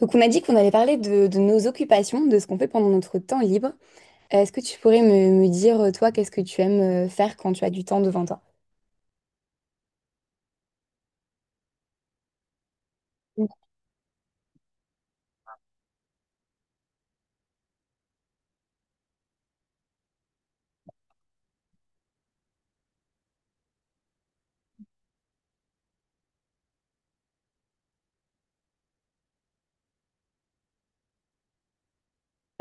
Donc on a dit qu'on allait parler de nos occupations, de ce qu'on fait pendant notre temps libre. Est-ce que tu pourrais me dire, toi, qu'est-ce que tu aimes faire quand tu as du temps devant toi?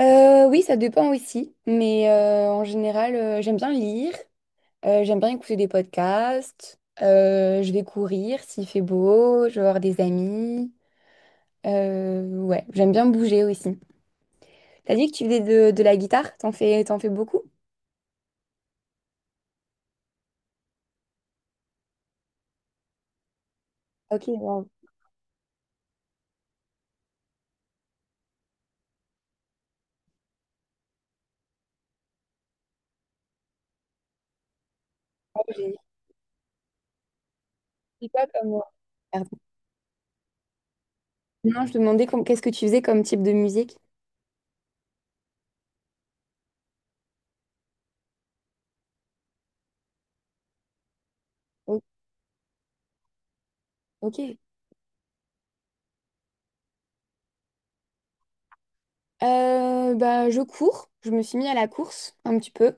Oui, ça dépend aussi, mais en général, j'aime bien lire, j'aime bien écouter des podcasts, je vais courir s'il fait beau, je vais voir des amis. Ouais, j'aime bien bouger aussi. T'as dit que tu faisais de la guitare, t'en fais beaucoup? Ok, bon, j'ai j'ai pas comme... moi. Pardon. Non, je demandais qu'est-ce que tu faisais comme type de musique? Ok. Bah, je cours. Je me suis mis à la course un petit peu.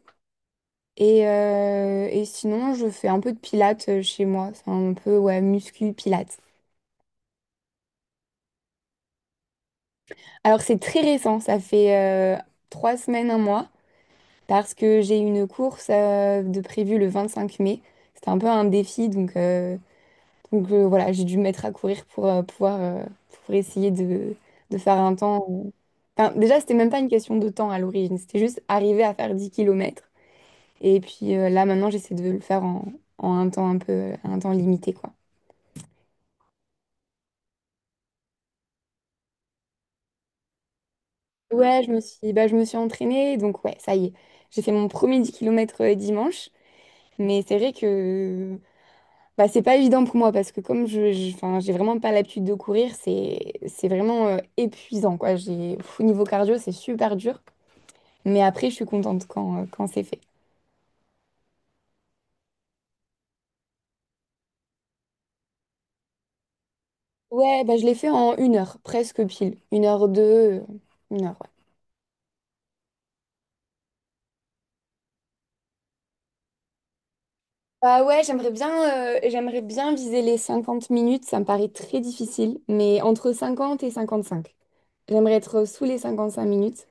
Et sinon, je fais un peu de pilates chez moi. C'est un peu, ouais, muscu pilates. Alors, c'est très récent. Ça fait euh, 3 semaines, un mois. Parce que j'ai une course de prévue le 25 mai. C'était un peu un défi. Donc, voilà, j'ai dû me mettre à courir pour pouvoir pour essayer de faire un temps. Enfin, déjà, c'était même pas une question de temps à l'origine. C'était juste arriver à faire 10 kilomètres. Et puis là, maintenant, j'essaie de le faire en un temps un peu, un temps limité, quoi. Ouais, je me suis entraînée, donc ouais, ça y est. J'ai fait mon premier 10 km dimanche, mais c'est vrai que bah, c'est pas évident pour moi parce que enfin, j'ai vraiment pas l'habitude de courir, c'est vraiment épuisant, quoi. J'ai, pff, au niveau cardio, c'est super dur, mais après, je suis contente quand, quand c'est fait. Ouais, bah, je l'ai fait en 1 heure, presque pile. 1 heure 2, 1 heure, ouais. Bah ouais, j'aimerais bien viser les 50 minutes, ça me paraît très difficile, mais entre 50 et 55. J'aimerais être sous les 55 minutes.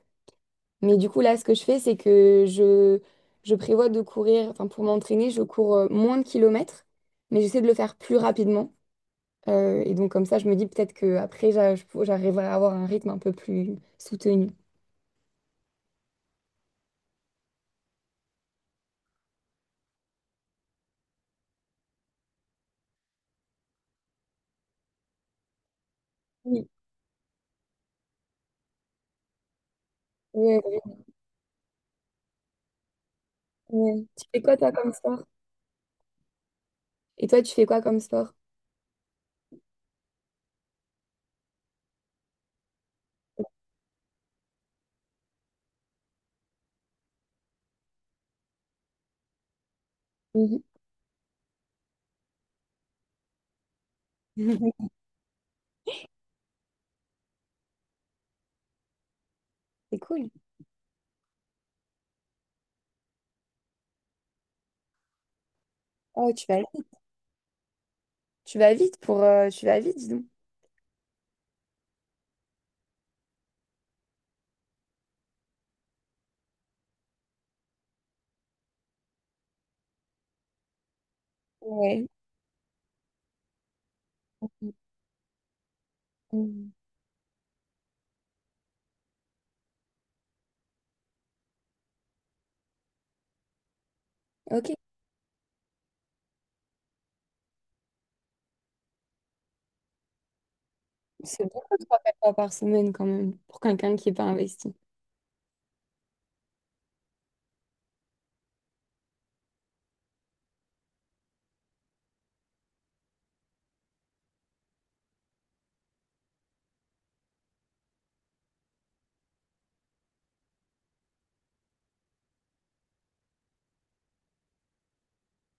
Mais du coup, là, ce que je fais, je prévois de courir, enfin, pour m'entraîner, je cours moins de kilomètres, mais j'essaie de le faire plus rapidement. Et donc, comme ça, je me dis peut-être qu'après, j'arriverai à avoir un rythme un peu plus soutenu. Oui, ouais, ouais. Tu fais quoi, toi, comme sport? Et toi, tu fais quoi comme sport? Mhm. C'est cool. Oh, tu vas Tu vas vite pour... tu vas vite, dis donc. Ouais. Mm. Ok. C'est beaucoup, 3, 4 fois par semaine quand même, pour quelqu'un qui n'est pas investi.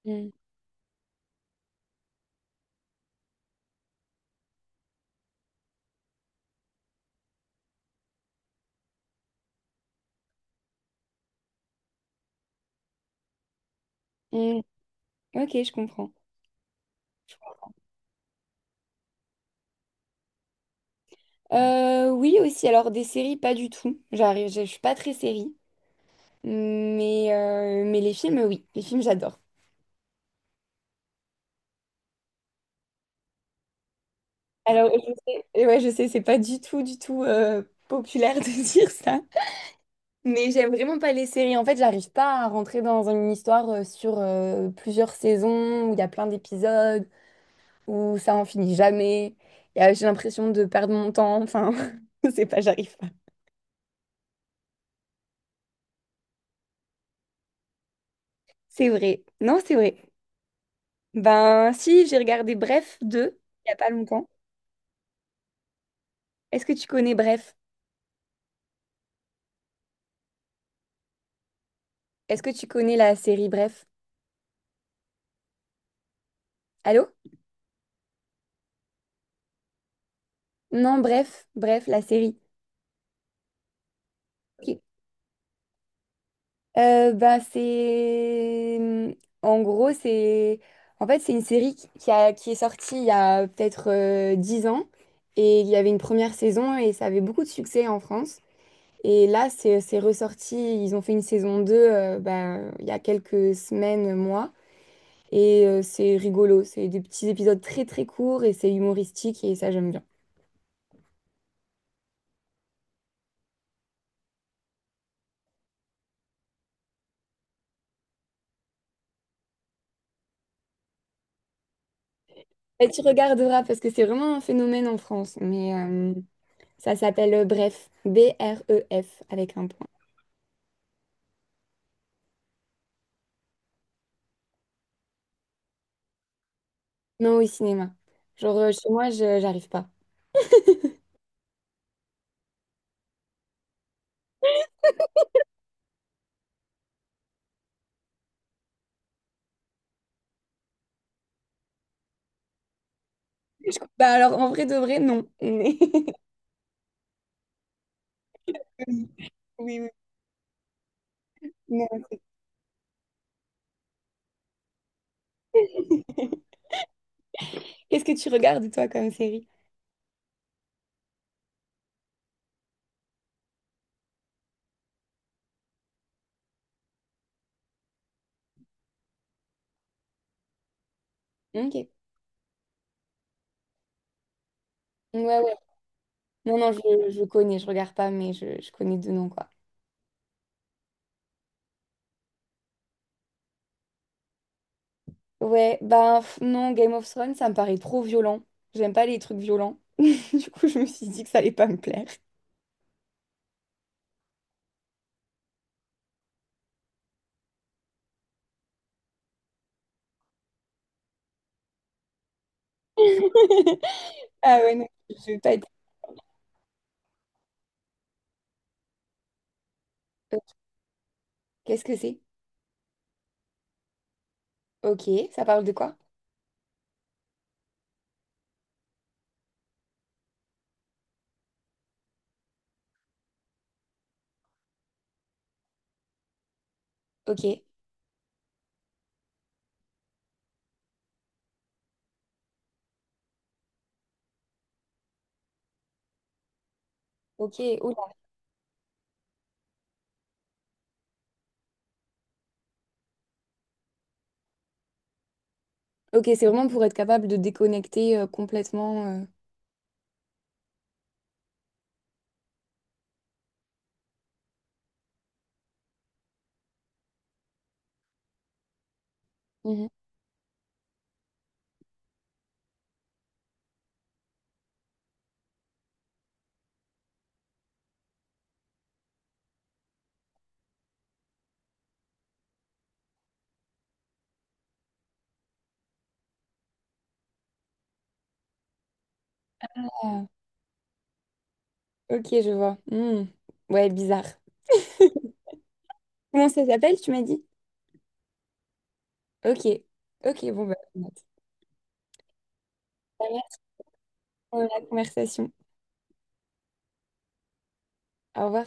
Mm. Mm. Ok, je comprends. Oui, aussi, alors des séries, pas du tout. Je suis pas très série, mais les films, oui, les films, j'adore. Alors, je sais, et ouais, je sais, c'est pas du tout, du tout populaire de dire ça, mais j'aime vraiment pas les séries. En fait, j'arrive pas à rentrer dans une histoire sur plusieurs saisons où il y a plein d'épisodes, où ça en finit jamais. Et, j'ai l'impression de perdre mon temps. Enfin, c'est pas, j'arrive pas. C'est vrai. Non, c'est vrai. Ben, si, j'ai regardé Bref 2 il y a pas longtemps. Est-ce que tu connais Bref? Est-ce que tu connais la série Bref? Allô? Non, Bref, Bref, la série. Ok. Ben, c'est. En gros, c'est. En fait, c'est une série qui est sortie il y a peut-être 10 ans. Et il y avait une première saison et ça avait beaucoup de succès en France. Et là, c'est ressorti, ils ont fait une saison 2, ben, il y a quelques semaines, mois, et c'est rigolo, c'est des petits épisodes très très courts et c'est humoristique et ça j'aime bien. Et tu regarderas parce que c'est vraiment un phénomène en France, mais ça s'appelle Bref, BREF avec un point. Non au cinéma. Genre chez moi, je j'arrive pas. Bah alors en vrai de vrai, non. Mais- Oui, oui, oui, non. Qu'est-ce que tu regardes toi comme série? Ok. Ouais, non, je connais, je regarde pas, mais je connais de nom, quoi. Ouais, ben pff, non, Game of Thrones, ça me paraît trop violent. J'aime pas les trucs violents. Du coup, je me suis dit que ça allait pas me plaire. Ah ouais, non, je vais pas être... Euh, Qu'est-ce que c'est? Ok, ça parle de quoi? Ok, ok, oula. Ok, c'est vraiment pour être capable de déconnecter complètement. Mhm. Ah, ok, je vois. Hmm. Ouais, bizarre. Comment ça s'appelle, tu m'as dit? Ok, ok, bon, bah, on note. Ça va, la conversation. Au revoir.